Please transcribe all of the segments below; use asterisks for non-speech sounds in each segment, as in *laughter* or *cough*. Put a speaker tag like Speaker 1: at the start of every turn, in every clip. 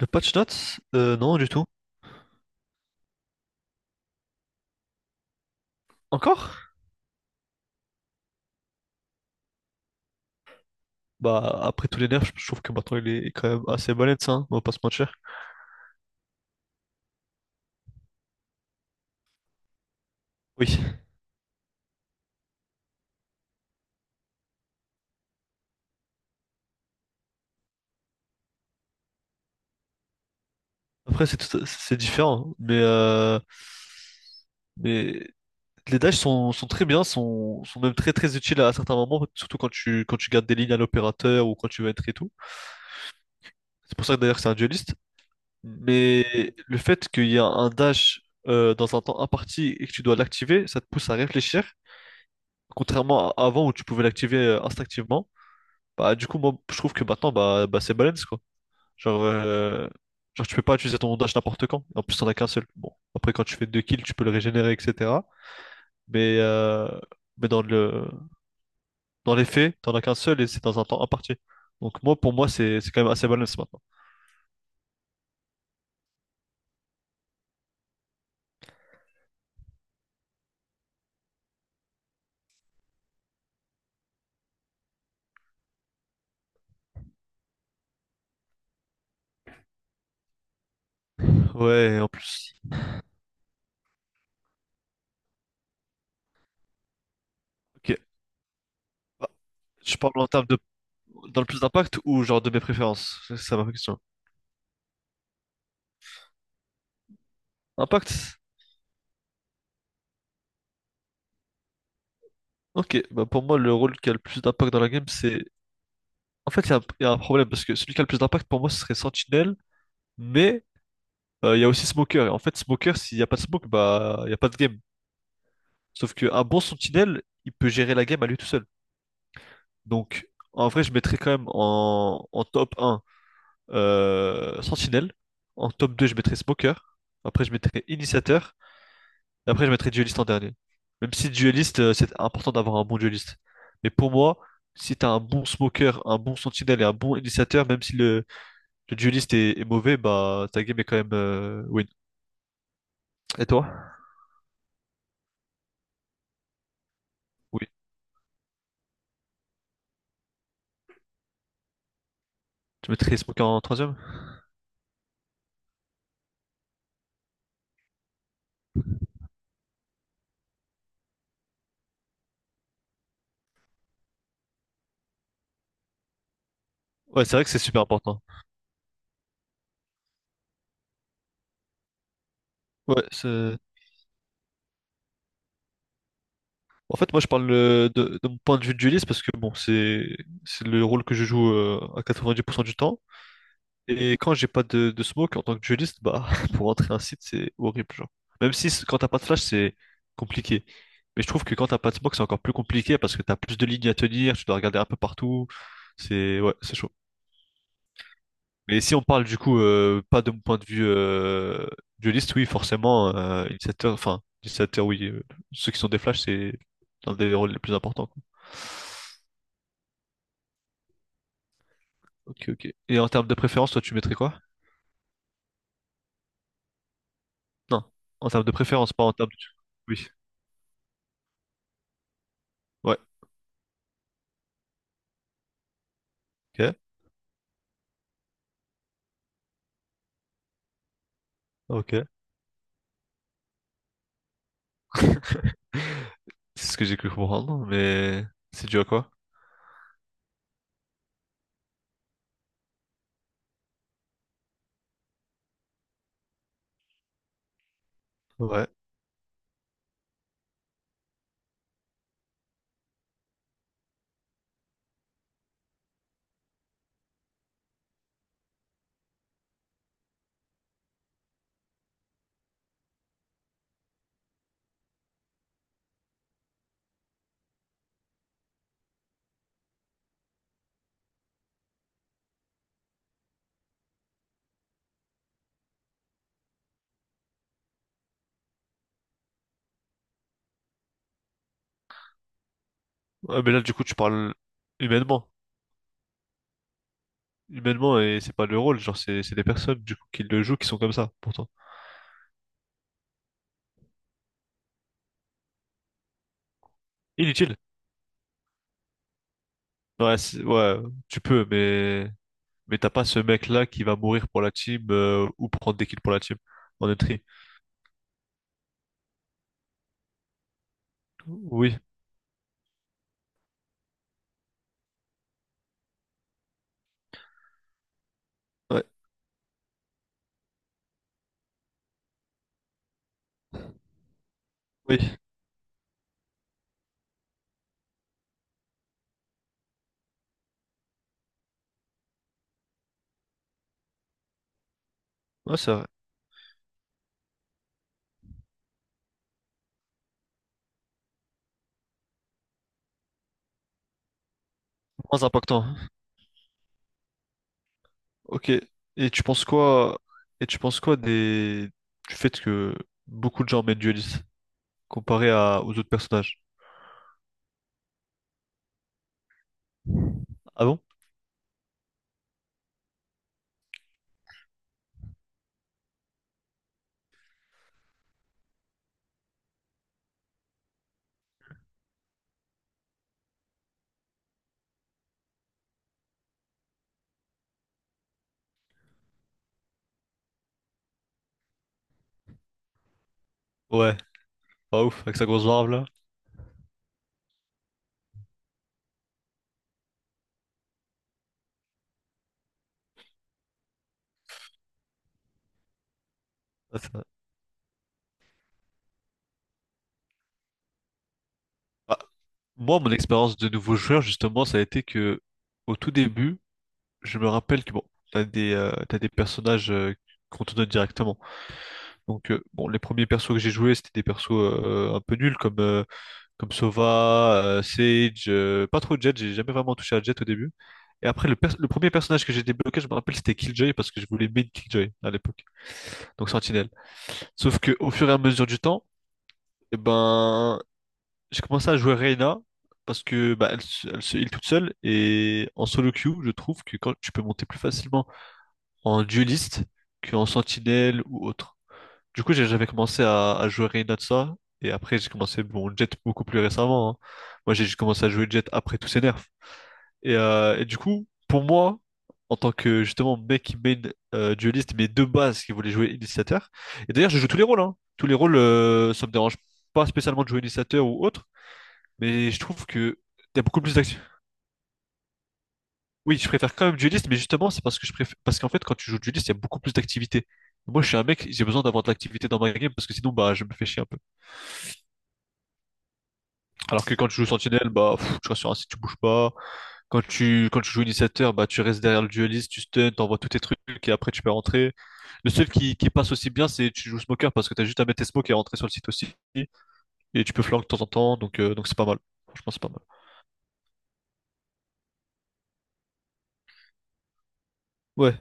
Speaker 1: Le patch notes? Non, du tout. Encore? Bah, après tous les nerfs, je trouve que maintenant il est quand même assez balèze, hein, on va pas se mentir. Oui. Après, c'est différent, mais les dashs, sont très bien, sont même très très utiles à certains moments, surtout quand tu gardes des lignes à l'opérateur ou quand tu veux être et tout. C'est pour ça que d'ailleurs que c'est un dueliste. Mais le fait qu'il y a un dash dans un temps imparti et que tu dois l'activer, ça te pousse à réfléchir, contrairement à avant où tu pouvais l'activer instinctivement. Bah, du coup, moi, je trouve que maintenant, bah c'est balance, quoi. Genre, euh, genre, tu peux pas utiliser ton dash n'importe quand. En plus, t'en as qu'un seul. Bon, après, quand tu fais deux kills, tu peux le régénérer, etc. Mais, euh, mais dans dans les faits, t'en as qu'un seul et c'est dans un temps imparti. Donc, moi, pour moi, c'est quand même assez balance maintenant. Ouais, et en plus. Ok. Bah, je parle en dans le plus d'impact ou genre de mes préférences? C'est ça ma question. Impact? Ok, bah pour moi, le rôle qui a le plus d'impact dans la game, c'est. En fait, il y a un problème parce que celui qui a le plus d'impact pour moi, ce serait Sentinel. Mais il y a aussi Smoker. Et en fait, Smoker, s'il n'y a pas de smoke, bah, il n'y a pas de game. Sauf qu'un bon sentinelle, il peut gérer la game à lui tout seul. Donc, en vrai, je mettrais quand même en top un, sentinelle. En top 2 je mettrais Smoker. Après, je mettrais initiateur. Et après, je mettrais dueliste en dernier. Même si dueliste, c'est important d'avoir un bon dueliste. Mais pour moi, si t'as un bon smoker, un bon sentinelle et un bon initiateur, même si le dueliste est mauvais, bah ta game est quand même win. Et toi? Oui. Tu mettrais Smoke en troisième? Ouais, c'est vrai que c'est super important. Ouais, c'est. En fait, moi, je parle de mon point de vue de dueliste parce que bon, c'est le rôle que je joue, à 90% du temps. Et quand j'ai pas de smoke en tant que dueliste, bah *laughs* pour rentrer un site, c'est horrible, genre. Même si quand t'as pas de flash, c'est compliqué. Mais je trouve que quand t'as pas de smoke, c'est encore plus compliqué parce que t'as plus de lignes à tenir, tu dois regarder un peu partout. C'est, ouais, c'est chaud. Mais si on parle du coup, pas de mon point de vue, dueliste, oui, forcément, initiateur, enfin, initiateur, oui, ceux qui sont des flashs, c'est l'un des rôles les plus importants, quoi. Ok, ok. Et en termes de préférence, toi, tu mettrais quoi? Non, en termes de préférence, pas en termes de. Oui, ouais, ok, ok. C'est ce que j'ai cru comprendre, mais c'est dû à quoi? Ouais. Ouais, mais là, du coup, tu parles humainement. Humainement, et c'est pas le rôle, genre, c'est des personnes, du coup, qui le jouent, qui sont comme ça, pourtant. Inutile. Ouais, ouais, tu peux, mais. Mais t'as pas ce mec-là qui va mourir pour la team, ou prendre des kills pour la team en entry. Oui, ouais, oui, ouais, c'est vrai. Moins impactant, hein. Ok. Et tu penses quoi? Et tu penses quoi des du fait que beaucoup de gens mènent dueliste comparé aux autres personnages? Ah bon? Ouais, pas ouf avec sa grosse barbe là. Ah. Ah, moi, mon expérience de nouveau joueur justement, ça a été que au tout début, je me rappelle que bon, t'as des personnages, qu'on te donne directement. Donc bon, les premiers persos que j'ai joués, c'était des persos un peu nuls comme, comme Sova, Sage, pas trop Jet, j'ai jamais vraiment touché à Jet au début. Et après le premier personnage que j'ai débloqué, je me rappelle, c'était Killjoy parce que je voulais main Killjoy à l'époque, donc Sentinelle. Sauf que au fur et à mesure du temps, eh ben j'ai commencé à jouer Reyna parce que bah, elle se heal toute seule et en solo queue, je trouve que quand tu peux monter plus facilement en dueliste qu'en Sentinelle ou autre. Du coup, j'ai jamais commencé à jouer rien de ça. Et après, j'ai commencé, bon, Jet beaucoup plus récemment, hein. Moi, j'ai juste commencé à jouer Jet après tous ces nerfs. Et du coup, pour moi, en tant que justement mec qui main, dueliste, mais de base qui voulait jouer initiateur. Et d'ailleurs, je joue tous les rôles, hein. Tous les rôles, ça me dérange pas spécialement de jouer initiateur ou autre. Mais je trouve que il y a beaucoup plus d'actu. Oui, je préfère quand même dueliste, mais justement, c'est parce que je préfère, parce qu'en fait, quand tu joues dueliste, il y a beaucoup plus d'activités. Moi, je suis un mec, j'ai besoin d'avoir de l'activité dans ma game parce que sinon, bah, je me fais chier un peu. Alors que quand tu joues Sentinelle, bah, pff, tu restes sur un site, tu bouges pas. Quand tu joues initiateur, bah, tu restes derrière le dueliste, tu stun, t'envoies tous tes trucs et après tu peux rentrer. Le seul qui passe aussi bien, c'est tu joues smoker parce que t'as juste à mettre tes smokes et rentrer sur le site aussi. Et tu peux flank de temps en temps, donc c'est pas mal. Franchement, c'est pas mal. Ouais,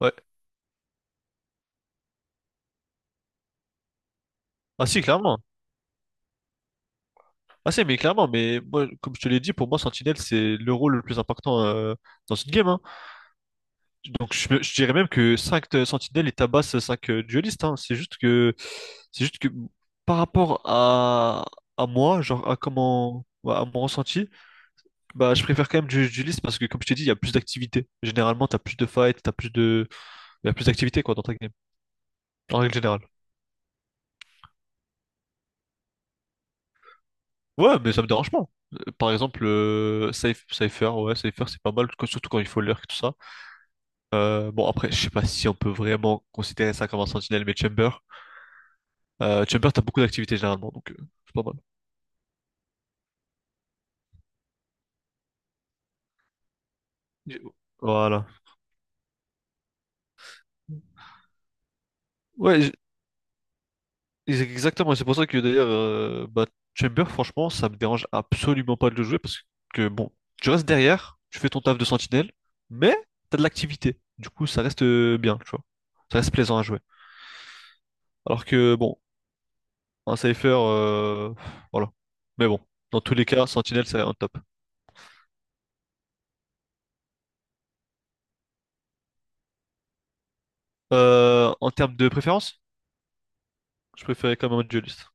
Speaker 1: ouais. Ah si, clairement. Ah si, mais clairement, mais moi, comme je te l'ai dit, pour moi, Sentinelle, c'est le rôle le plus important, dans une game, hein. Donc je dirais même que 5 sentinelles et tabassent 5 duelistes, hein. C'est juste que par rapport à moi, genre à comment, ouais, à mon ressenti, bah je préfère quand même du dueliste parce que comme je t'ai dit, il y a plus d'activité. Généralement, t'as plus de fight, t'as plus de il y a plus d'activité quoi dans ta game en règle générale. Ouais, mais ça me dérange pas. Par exemple, Cypher, ouais, Cypher c'est pas mal, quoi, surtout quand il faut lurk, tout ça. Bon, après, je sais pas si on peut vraiment considérer ça comme un sentinelle, mais Chamber. Chamber, t'as beaucoup d'activités généralement, donc c'est pas mal. Et- Voilà. Ouais, exactement. Et c'est pour ça que d'ailleurs, bah, Chamber, franchement, ça me dérange absolument pas de le jouer parce que bon, tu restes derrière, tu fais ton taf de sentinelle, mais t'as de l'activité. Du coup, ça reste, bien, tu vois. Ça reste plaisant à jouer. Alors que bon, un Cypher, voilà. Mais bon, dans tous les cas, sentinelle, c'est un top. En termes de préférence, je préférais quand même un dueliste.